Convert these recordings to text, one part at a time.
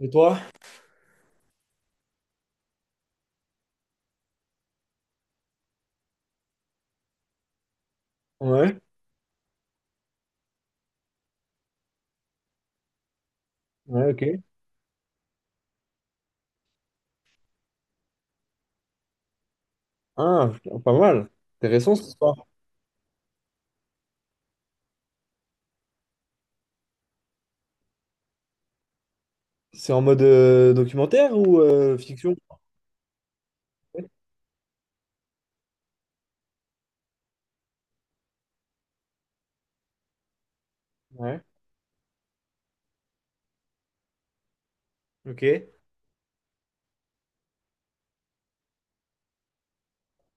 Et toi? Ouais, ouais, ok. Ah, putain, pas mal. Intéressant ce soir. C'est en mode documentaire ou fiction? Ouais, ok.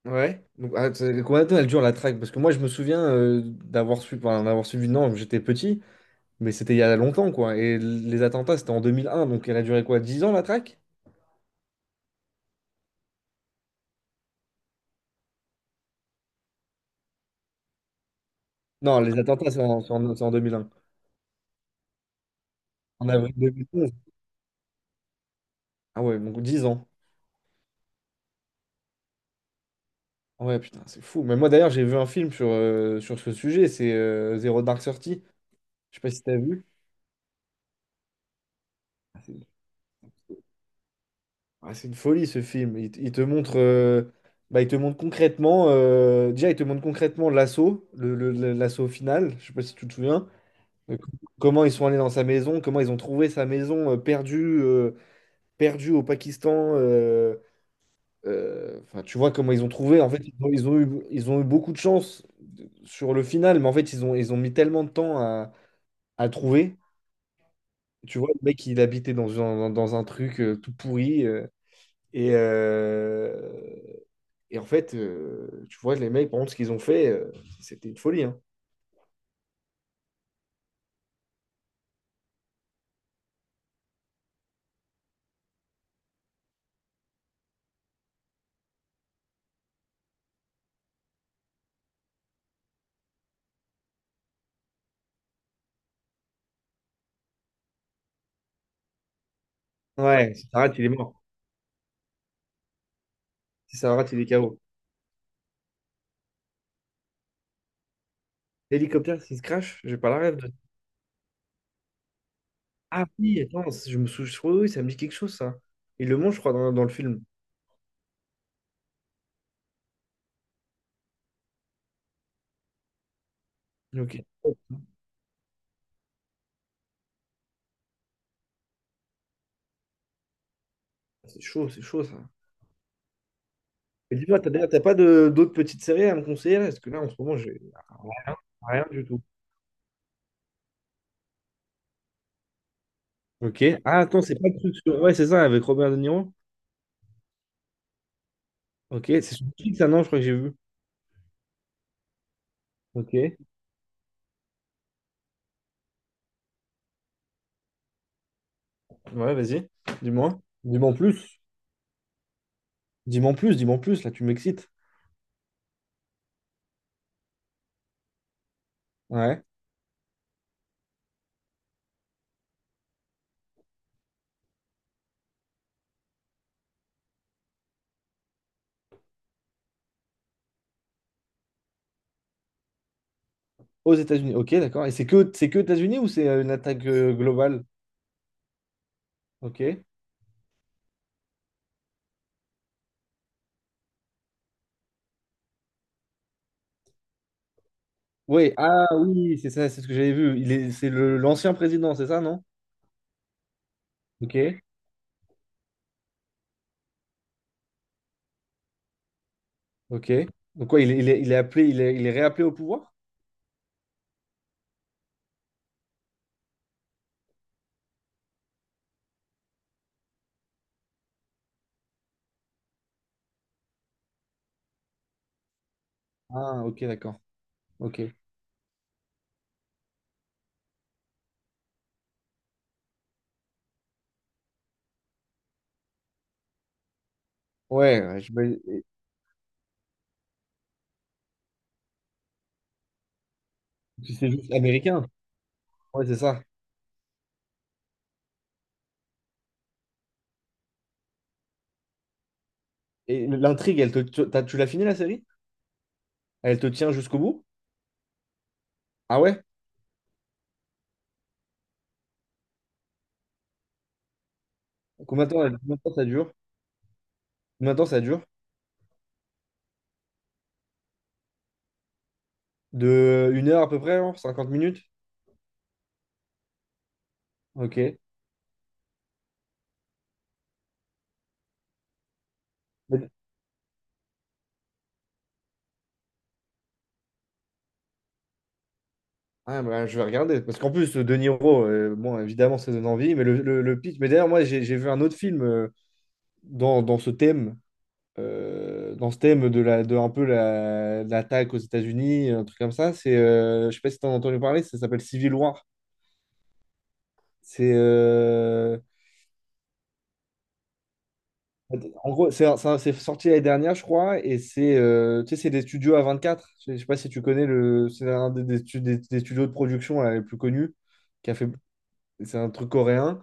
Ouais. Donc, ah, combien de temps elle dure la traque? Parce que moi, je me souviens d'avoir suivi, enfin, d'avoir suivi, non, j'étais petit, mais c'était il y a longtemps, quoi. Et les attentats, c'était en 2001, donc elle a duré quoi, 10 ans la traque? Non, les attentats, c'est en 2001. En avril 2011. Ah ouais, donc 10 ans. Ouais, putain, c'est fou. Mais moi, d'ailleurs, j'ai vu un film sur, sur ce sujet, c'est Zero Dark Thirty. Je sais pas si t'as vu. Ah, C'est une ah, c'est une folie ce film. Il te montre, bah, il te montre concrètement, déjà il te montre concrètement l'assaut, l'assaut final. Je sais pas si tu te souviens. Euh, c- Comment ils sont allés dans sa maison, comment ils ont trouvé sa maison perdue, perdue au Pakistan. Enfin, tu vois comment ils ont trouvé. En fait, ils ont eu beaucoup de chance sur le final, mais en fait ils ont mis tellement de temps à trouver. Tu vois, le mec il habitait dans un truc tout pourri. Et, euh, et en fait, tu vois, les mecs, par contre, ce qu'ils ont fait, c'était une folie. Hein. Ouais, si ça rate, il est mort. Si ça rate, il est KO. L'hélicoptère, s'il se crash, j'ai pas la rêve de. Ah oui, attends, je me souviens, je oui, ça me dit quelque chose, ça. Il le mange, je crois, dans le film. Ok. C'est chaud, ça. Et dis-moi, t'as pas d'autres petites séries à me conseiller là? Parce que là, en ce moment, j'ai rien du tout. Ok. Ah, attends, c'est pas le truc sur... Ouais, c'est ça, avec Robert De Niro. Ok, c'est sur Netflix, ça, non, je crois que j'ai vu. Ok. Ouais, vas-y, dis-moi. Dis-moi en plus. Dis-moi en plus, dis-moi en plus. Là, tu m'excites. Ouais. Aux États-Unis. Ok, d'accord. Et c'est que États-Unis ou c'est une attaque globale? Ok. Oui. Ah oui, c'est ça, c'est ce que j'avais vu. C'est le, l'ancien président, c'est ça, non? Ok. Ok. Donc quoi, il est appelé, il est réappelé au pouvoir? Ah, ok, d'accord. Ok. Ouais, ouais, puis c'est juste américain. Ouais, c'est ça. Et l'intrigue, elle te, tu t'as- tu l'as fini la série? Elle te tient jusqu'au bout? Ah ouais? Combien de temps ça dure? Combien de temps ça dure? De une heure à peu près, hein, 50 minutes? Ok. Mais- Ah, bah, je vais regarder. Parce qu'en plus, De Niro, bon, évidemment, ça donne envie, mais le pitch. Mais d'ailleurs, moi, j'ai vu un autre film dans, dans ce thème, dans ce thème de, la, de un peu la, l'attaque aux États-Unis, un truc comme ça. C'est, je sais pas si tu as entendu parler, ça s'appelle Civil War. C'est En gros, c'est sorti l'année dernière, je crois, et c'est tu sais, c'est des studios A24. Je sais pas si tu connais le. C'est un des studios de production là, les plus connus. Qui a fait, c'est un truc coréen.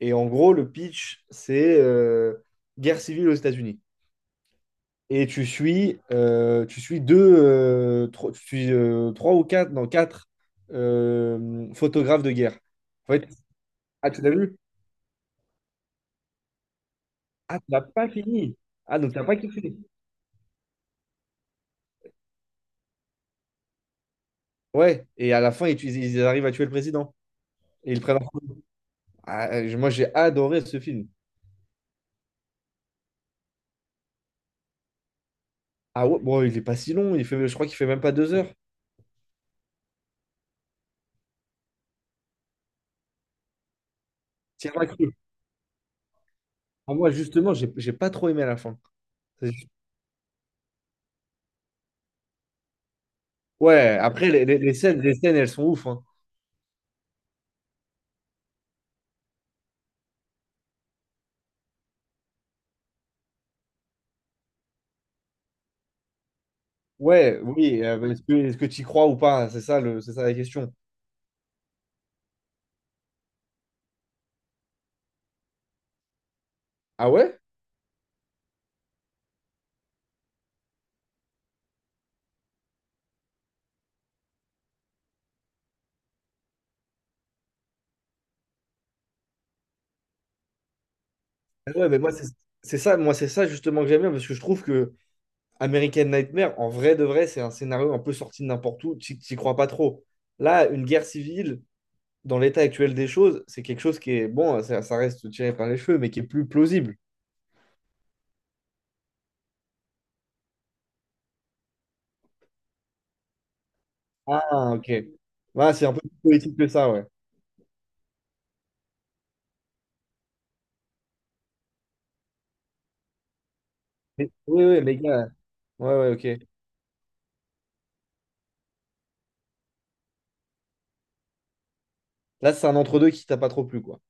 Et en gros, le pitch, c'est guerre civile aux États-Unis. Et tu suis deux, trois, tu suis, trois ou quatre, non, quatre photographes de guerre. En fait, ah, tu l'as vu? Ah, tu n'as pas fini. Ah, donc tu n'as pas kiffé. Ouais, et à la fin, ils arrivent à tuer le président. Et ils prennent. Ah, moi, j'ai adoré ce film. Ah ouais, bon, il est pas si long. Il fait, je crois qu'il fait même pas 2 heures. Tiens, la crue. Ah, moi, justement, j'ai pas trop aimé à la fin. C'est- Ouais, après, les scènes, elles sont ouf, hein. Ouais, oui. Est-ce que tu y crois ou pas? C'est ça, c'est ça la question. Ah ouais? Ah Ouais, mais moi, c'est ça justement que j'aime bien parce que je trouve que American Nightmare, en vrai de vrai, c'est un scénario un peu sorti de n'importe où. Tu n'y crois pas trop. Là, une guerre civile dans l'état actuel des choses, c'est quelque chose qui est, bon, ça reste tiré par les cheveux, mais qui est plus plausible. Ah, ok. Voilà, c'est un peu plus politique que ça, ouais. Mais- oui, oui, les gars. Ouais, ouais, ok. Là, c'est un entre-deux qui t'a pas trop plu, quoi.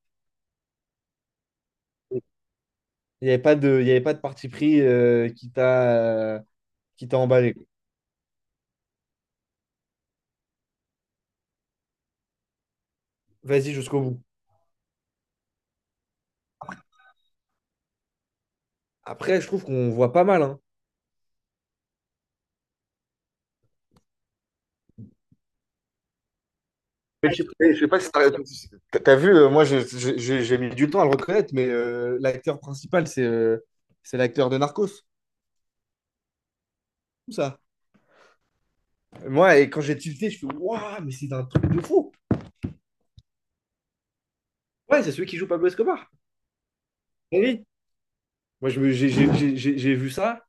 Il n'y avait pas de, il y avait pas de parti pris euh, qui t'a emballé, quoi. Vas-y jusqu'au bout. Après, je trouve qu'on voit pas mal, hein. Mais je sais pas, je sais pas si t'as vu, moi je- j'ai mis du temps à le reconnaître, mais l'acteur principal, c'est l'acteur de Narcos, tout ça. Moi, et quand j'ai tilté, je fais Waouh, mais c'est un truc de fou. Ouais, c'est celui qui joue Pablo Escobar. Eh oui. Moi, je me- j'ai vu ça.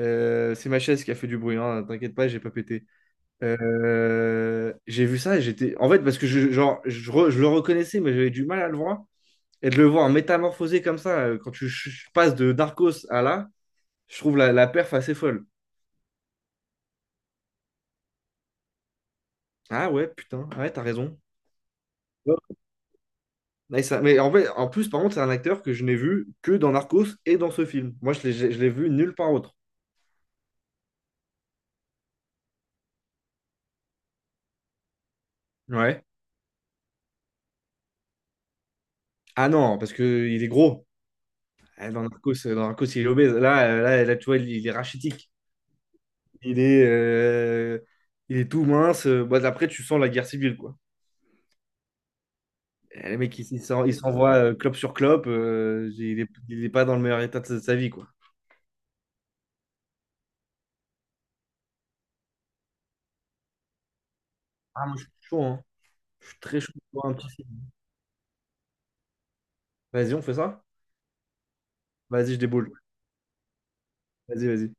C'est ma chaise qui a fait du bruit, hein, t'inquiète pas, j'ai pas pété. J'ai vu ça et j'étais. En fait, parce que je, genre, je le reconnaissais, mais j'avais du mal à le voir. Et de le voir métamorphosé comme ça, quand tu passes de Darkos à là, je trouve la perf assez folle. Ah ouais, putain, Ah ouais, t'as raison. Ouais, mais en fait, en plus, par contre, c'est un acteur que je n'ai vu que dans Narcos et dans ce film. Moi, je l'ai vu nulle part autre. Ouais. Ah non, parce qu'il est gros. Ah, dans Narcos, il est obèse. Là, tu vois, il est rachitique. Il est, euh, il est tout mince. Bah, après, tu sens la guerre civile, quoi. Et le mec, il s'envoie clope sur clope. Il est pas dans le meilleur état de de sa vie, quoi. Ah, moi, je suis chaud, hein. Je suis très chaud pour un petit film. Vas-y, on fait ça? Vas-y, je déboule. Vas-y, vas-y.